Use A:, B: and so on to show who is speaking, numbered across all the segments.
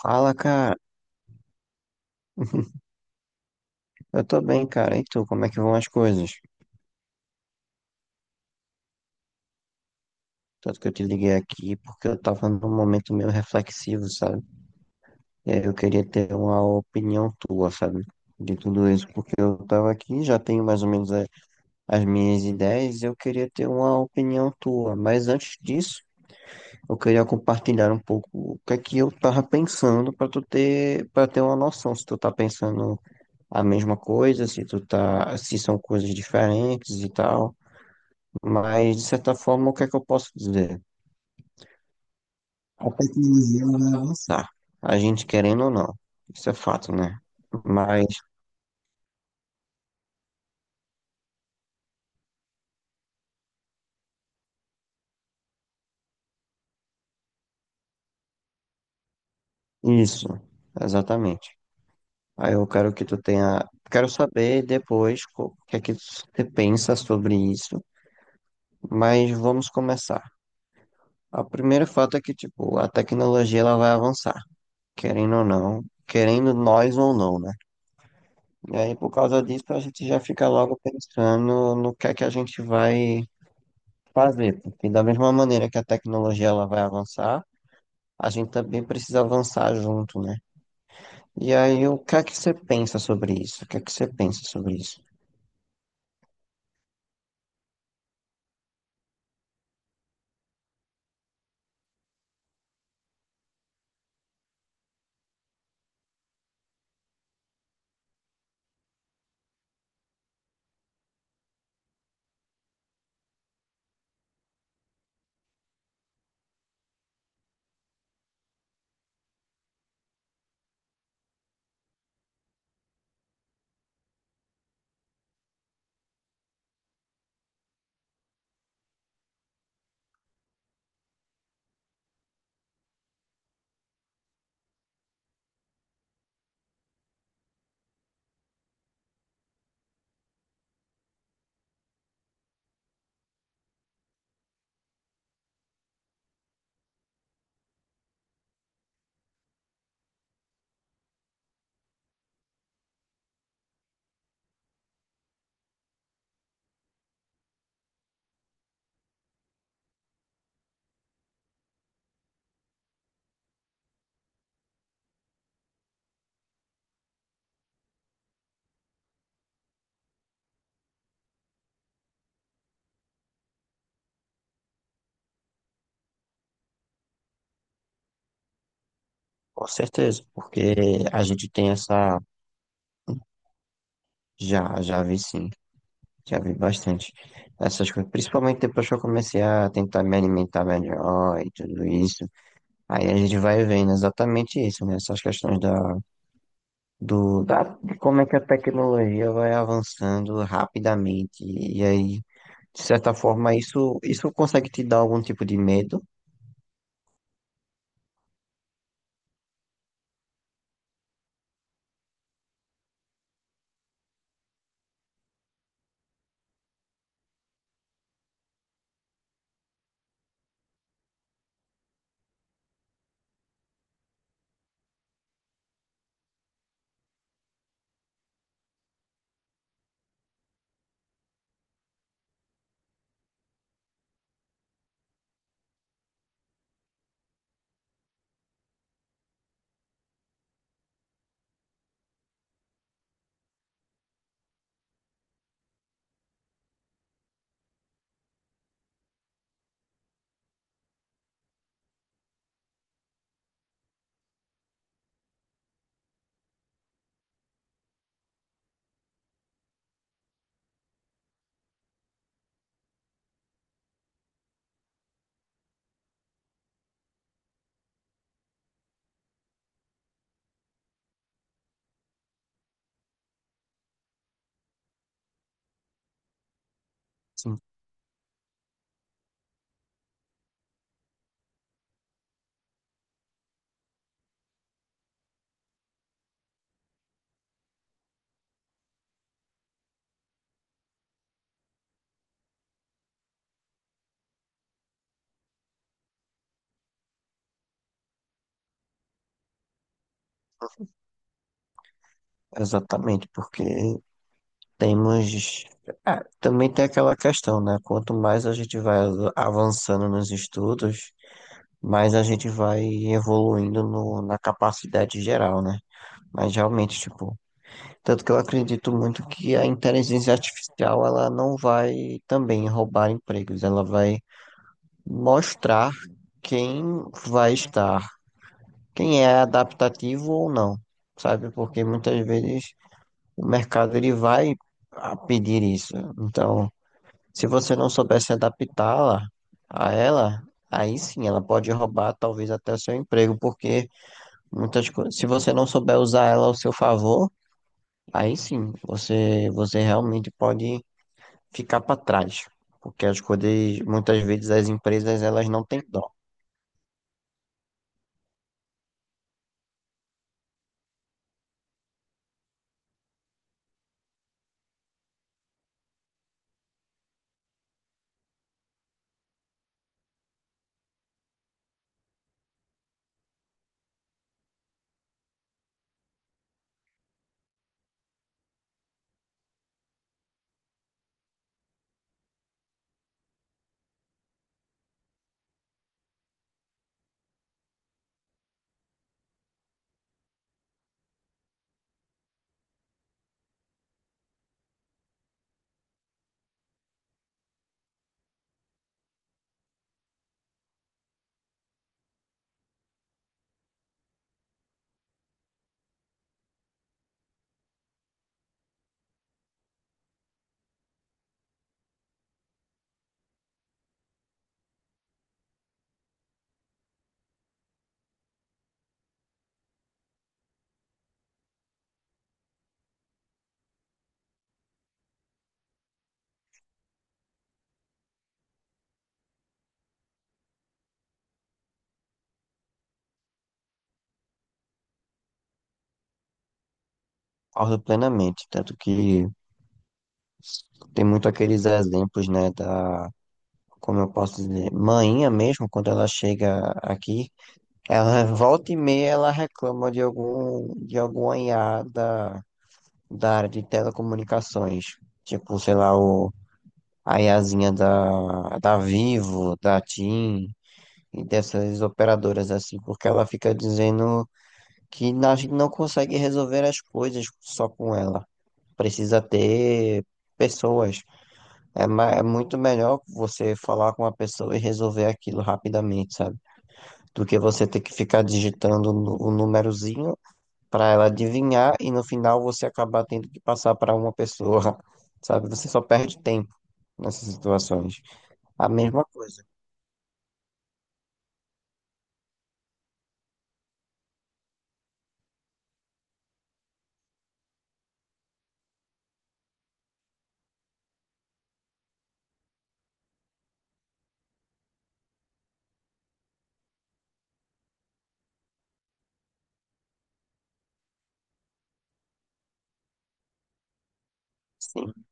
A: Fala, cara. Eu tô bem, cara. E tu, como é que vão as coisas? Tanto que eu te liguei aqui porque eu tava num momento meio reflexivo, sabe? E aí eu queria ter uma opinião tua, sabe? De tudo isso, porque eu tava aqui, já tenho mais ou menos as minhas ideias e eu queria ter uma opinião tua. Mas antes disso, eu queria compartilhar um pouco o que é que eu tava pensando pra tu ter, para ter uma noção se tu tá pensando a mesma coisa, se tu tá, se são coisas diferentes e tal. Mas, de certa forma, o que é que eu posso dizer? A tecnologia ela vai avançar, a gente querendo ou não. Isso é fato, né? Mas, isso, exatamente. Aí eu quero que tu tenha. Quero saber depois o que é que você pensa sobre isso, mas vamos começar. O primeiro fato é que, tipo, a tecnologia ela vai avançar, querendo ou não, querendo nós ou não, né? E aí, por causa disso, a gente já fica logo pensando no que é que a gente vai fazer, porque da mesma maneira que a tecnologia ela vai avançar, a gente também precisa avançar junto, né? E aí, o que é que você pensa sobre isso? O que é que você pensa sobre isso? Com certeza, porque a gente tem essa. Já, já vi sim, já vi bastante essas coisas, principalmente depois que eu comecei a tentar me alimentar melhor e tudo isso. Aí a gente vai vendo exatamente isso, né? Essas questões de como é que a tecnologia vai avançando rapidamente. E aí, de certa forma, isso consegue te dar algum tipo de medo? Sim. Exatamente, porque temos. Ah, também tem aquela questão, né? Quanto mais a gente vai avançando nos estudos, mais a gente vai evoluindo no, na capacidade geral, né? Mas realmente, tipo, tanto que eu acredito muito que a inteligência artificial ela não vai também roubar empregos, ela vai mostrar quem vai estar, quem é adaptativo ou não, sabe? Porque muitas vezes o mercado ele vai a pedir isso. Então, se você não souber se adaptá-la a ela, aí sim ela pode roubar talvez até o seu emprego, porque muitas coisas, se você não souber usar ela ao seu favor, aí sim você realmente pode ficar para trás. Porque as coisas, muitas vezes as empresas elas não têm dó, concordo plenamente, tanto que tem muito aqueles exemplos, né, da, como eu posso dizer, mainha mesmo, quando ela chega aqui, ela volta e meia ela reclama de algum, de alguma IA da área de telecomunicações. Tipo, sei lá, o, a IAzinha da Vivo, da TIM e dessas operadoras assim, porque ela fica dizendo que a gente não consegue resolver as coisas só com ela. Precisa ter pessoas. É, é muito melhor você falar com uma pessoa e resolver aquilo rapidamente, sabe? Do que você ter que ficar digitando o númerozinho para ela adivinhar e no final você acabar tendo que passar para uma pessoa, sabe? Você só perde tempo nessas situações. A mesma coisa. Sim,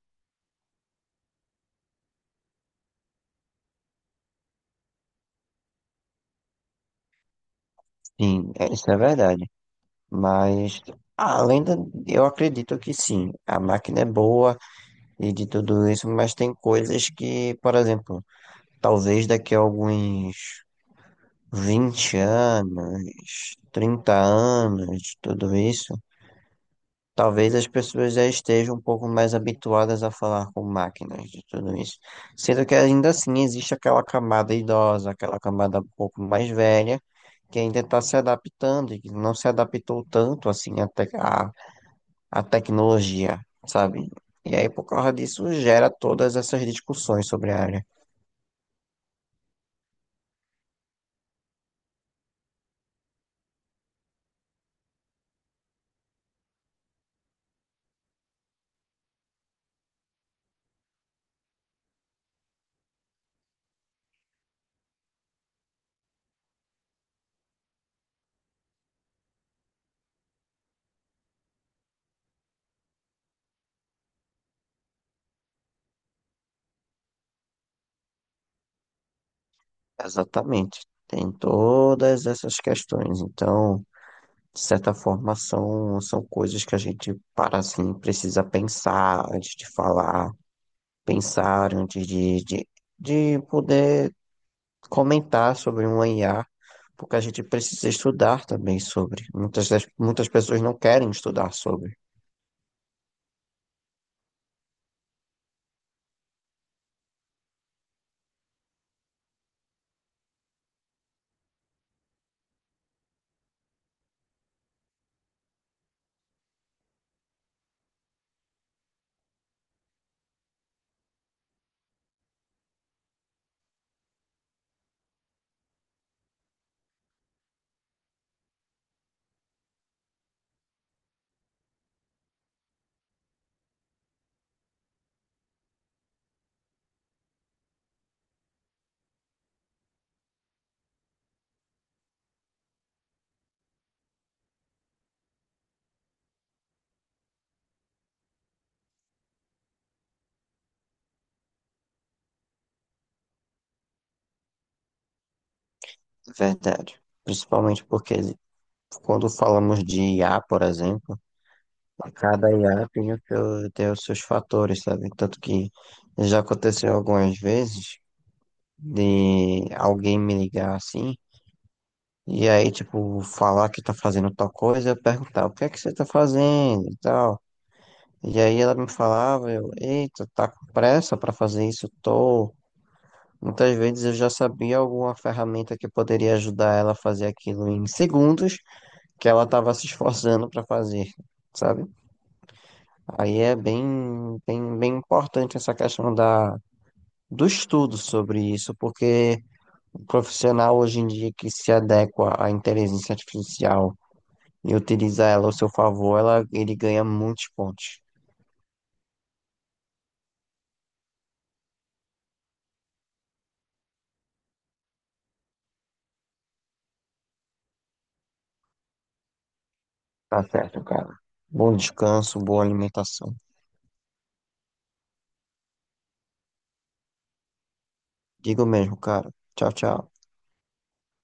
A: sim, isso é verdade. Mas além da, eu acredito que sim, a máquina é boa e de tudo isso, mas tem coisas que, por exemplo, talvez daqui a alguns 20 anos, 30 anos, tudo isso. Talvez as pessoas já estejam um pouco mais habituadas a falar com máquinas de tudo isso. Sendo que ainda assim existe aquela camada idosa, aquela camada um pouco mais velha, que ainda está se adaptando e que não se adaptou tanto assim à tecnologia, sabe? E aí, por causa disso, gera todas essas discussões sobre a área. Exatamente. Tem todas essas questões. Então, de certa forma, são, são coisas que a gente para assim, precisa pensar antes de falar, pensar de poder comentar sobre um IA, porque a gente precisa estudar também sobre. Muitas pessoas não querem estudar sobre, é verdade. Principalmente porque quando falamos de IA, por exemplo, cada IA tem, o seu, tem os seus fatores, sabe? Tanto que já aconteceu algumas vezes de alguém me ligar assim. E aí, tipo, falar que tá fazendo tal coisa, eu perguntar o que é que você tá fazendo e tal. E aí ela me falava, eu, eita, tá com pressa pra fazer isso? Tô. Muitas vezes eu já sabia alguma ferramenta que poderia ajudar ela a fazer aquilo em segundos que ela tava se esforçando pra fazer, sabe? Aí é bem, bem, bem importante essa questão do estudo sobre isso, porque o profissional hoje em dia que se adequa à inteligência artificial e utilizar ela ao seu favor, ela, ele ganha muitos pontos. Tá certo, cara. Bom descanso, boa alimentação. Digo mesmo, cara. Tchau, tchau.